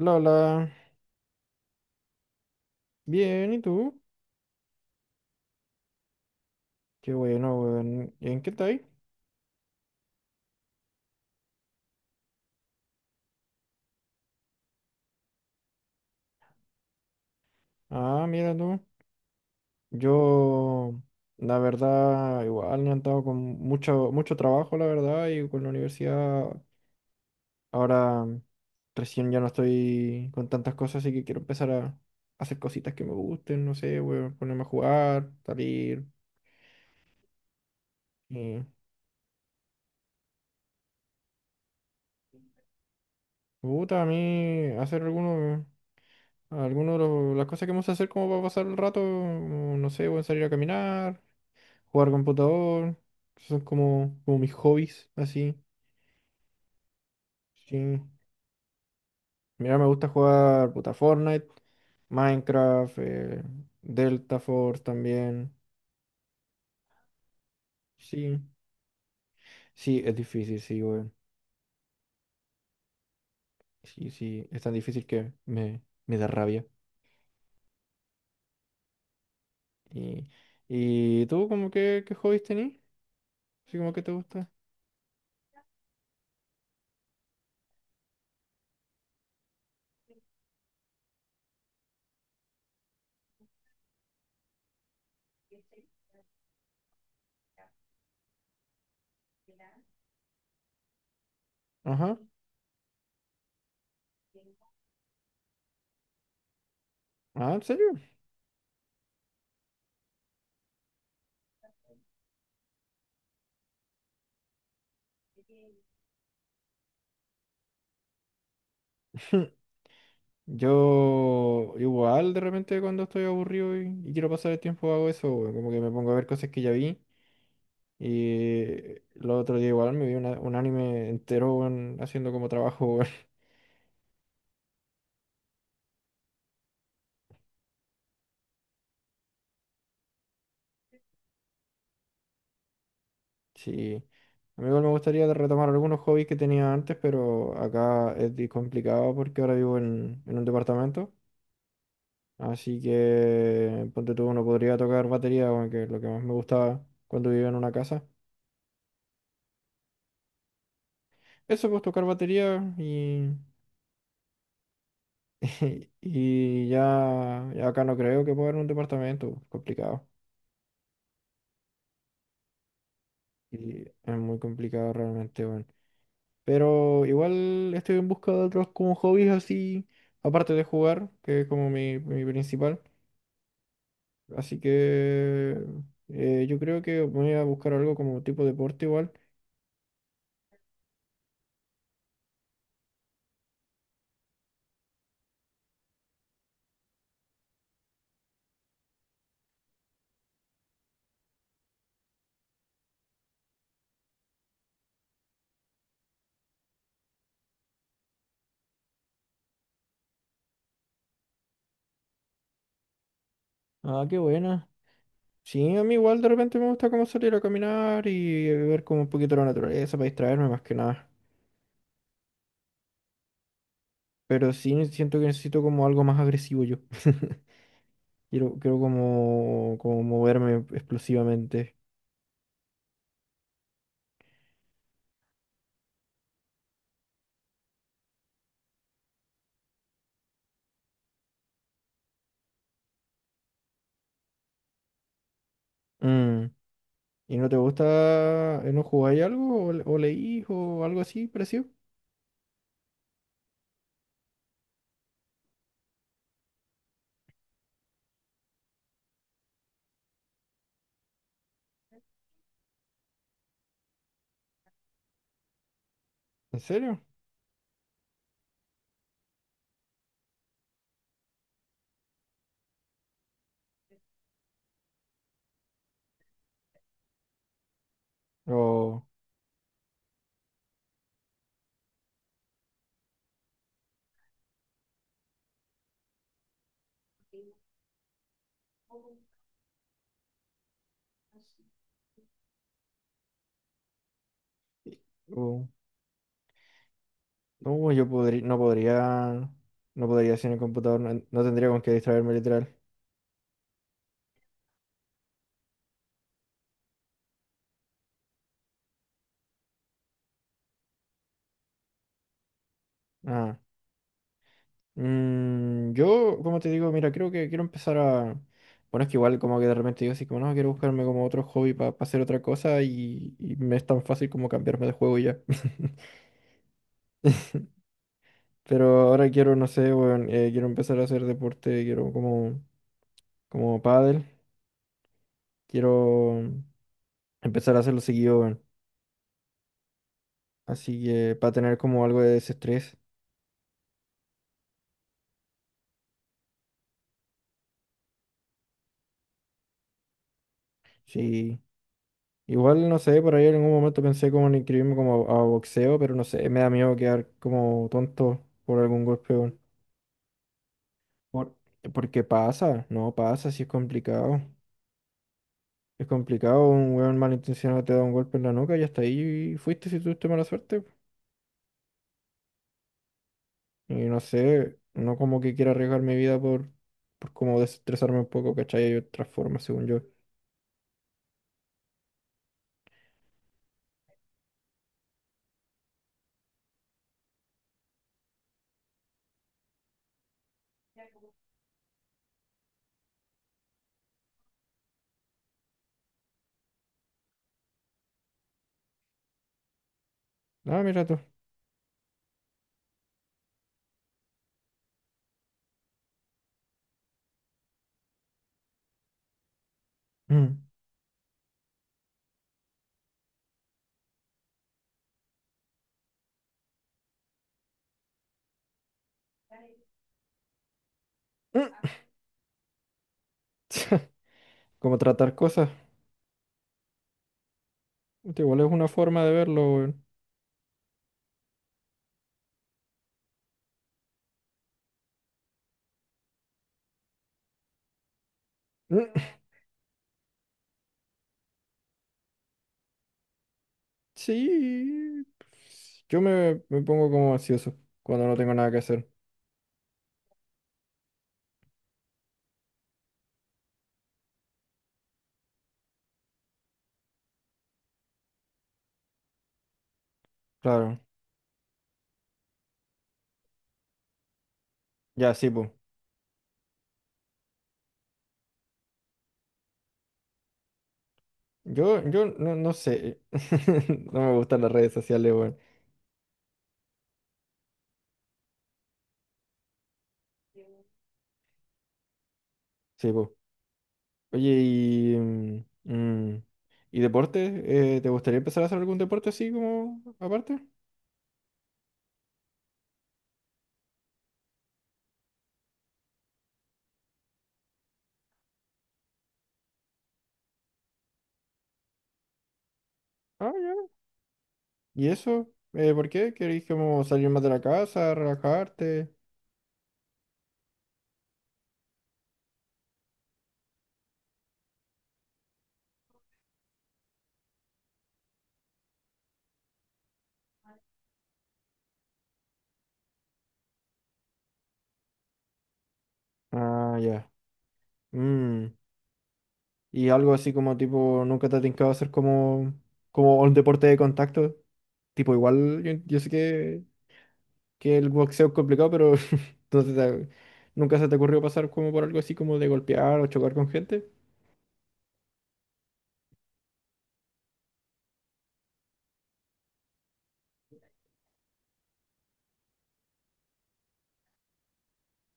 La, la. Bien, ¿y tú? Qué bueno, weón. ¿Y en qué estáis? Ah, mira tú. Yo, la verdad, igual he andado con mucho trabajo, la verdad, y con la universidad. Ahora, recién ya no estoy con tantas cosas, así que quiero empezar a hacer cositas que me gusten, no sé, weón, ponerme a jugar, salir. Y me gusta a mí hacer algunos de las cosas que vamos a hacer como para pasar el rato, como, no sé, weón, salir a caminar, jugar computador. Esos son como mis hobbies, así. Sí. Mira, me gusta jugar puta Fortnite, Minecraft, Delta Force también. Sí, sí, es difícil, sí, güey. Sí, sí, es tan difícil que me da rabia. ¿Y, y tú, como que, ¿qué hobbies tenés? Así como que te gusta. Ajá. Ah, ¿en serio? Yo igual de repente cuando estoy aburrido y quiero pasar el tiempo hago eso, güey, como que me pongo a ver cosas que ya vi. Y el otro día igual me vi un anime entero, weón, haciendo como trabajo, weón. Sí. A mí igual me gustaría retomar algunos hobbies que tenía antes, pero acá es complicado porque ahora vivo en un departamento. Así que, ponte tú, uno podría tocar batería, weón, que es lo que más me gustaba cuando vivía en una casa. Eso, pues tocar batería y… Y ya, ya acá no creo que pueda en un departamento, complicado. Y es muy complicado realmente, weón. Pero igual estoy en busca de otros como hobbies así, aparte de jugar, que es como mi principal. Así que yo creo que voy a buscar algo como tipo deporte igual. Ah, qué buena. Sí, a mí igual de repente me gusta como salir a caminar y ver como un poquito la naturaleza para distraerme más que nada. Pero sí siento que necesito como algo más agresivo yo. Quiero como moverme explosivamente. Mm. ¿Y no te gusta, no jugáis algo o o leís o algo así parecido? ¿En serio? O, o- no, yo podría, no podría, no podría hacer en el computador, no, no tendría con qué distraerme literal. Ah, yo, como te digo, mira, creo que quiero empezar a… Bueno, es que igual como que de repente digo así como, no, quiero buscarme como otro hobby para hacer otra cosa y me es tan fácil como cambiarme de juego y ya. Pero ahora quiero, no sé, weón, quiero empezar a hacer deporte, quiero como pádel, quiero empezar a hacerlo seguido, weón. Así que para tener como algo de desestrés. Sí. Igual, no sé, por ahí en algún momento pensé como en inscribirme como a boxeo, pero no sé, me da miedo quedar como tonto por algún golpe, weón. Por, porque pasa, no pasa, si es complicado. Es complicado, un weón malintencionado te da un golpe en la nuca y hasta ahí fuiste si tuviste mala suerte. Y no sé, no como que quiera arriesgar mi vida por como desestresarme un poco, ¿cachai? Hay otras formas, según yo. Ah, mira tú. Mm. Mm. Como tratar cosas. Puta, igual es una forma de verlo, weón. Mm. Sí, pues. Yo me pongo como ansioso cuando no tengo nada que hacer. Claro. Ya, sí, pues. Yo no, no sé. No me gustan las redes sociales, weón. Sí, pues. Oye, y ¿y deporte? ¿Te gustaría empezar a hacer algún deporte así como aparte? Ah, ya. ¿Y eso? ¿Por qué? ¿Querés como salir más de la casa, relajarte? Ah, ya. Mm, ¿y algo así como tipo, nunca te ha tincado hacer como un deporte de contacto? Tipo, igual yo, yo sé que el boxeo es complicado, pero entonces, ¿nunca se te ocurrió pasar como por algo así como de golpear o chocar con gente?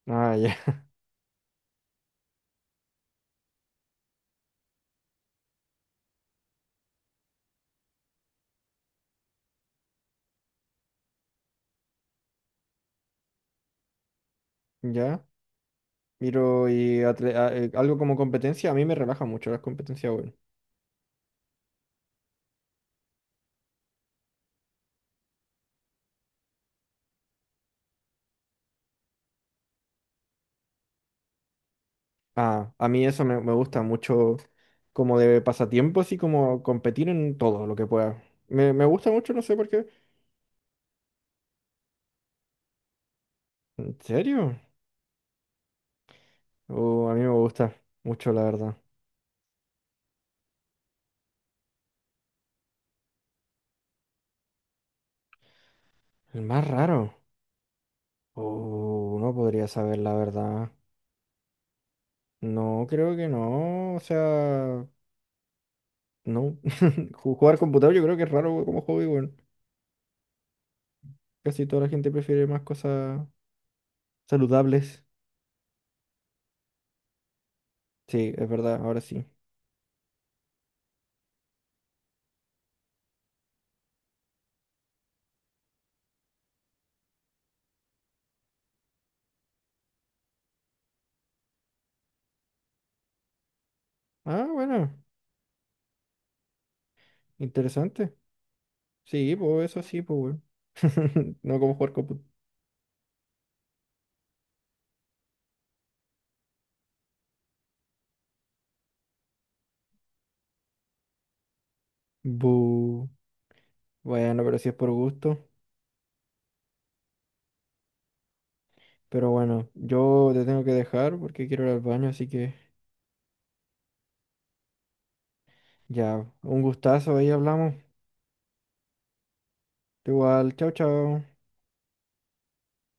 Ah, ya. ¿Ya? Miro y algo como competencia, a mí me relaja mucho las competencias, bueno. Ah, a mí eso me gusta mucho como de pasatiempo, así como competir en todo lo que pueda. Me gusta mucho, no sé por qué. ¿En serio? Oh, a mí me gusta mucho, la verdad. El más raro. Oh, no podría saber, la verdad. No, creo que no. O sea, no. Jugar computador yo creo que es raro como hobby, bueno. Casi toda la gente prefiere más cosas saludables. Sí, es verdad, ahora sí. Ah, bueno, interesante. Sí, pues eso sí, pues, weón. No como jugar con… Bu. Bueno, pero si es por gusto. Pero bueno, yo te tengo que dejar porque quiero ir al baño, así que ya, un gustazo, ahí hablamos. Igual, chao, chao.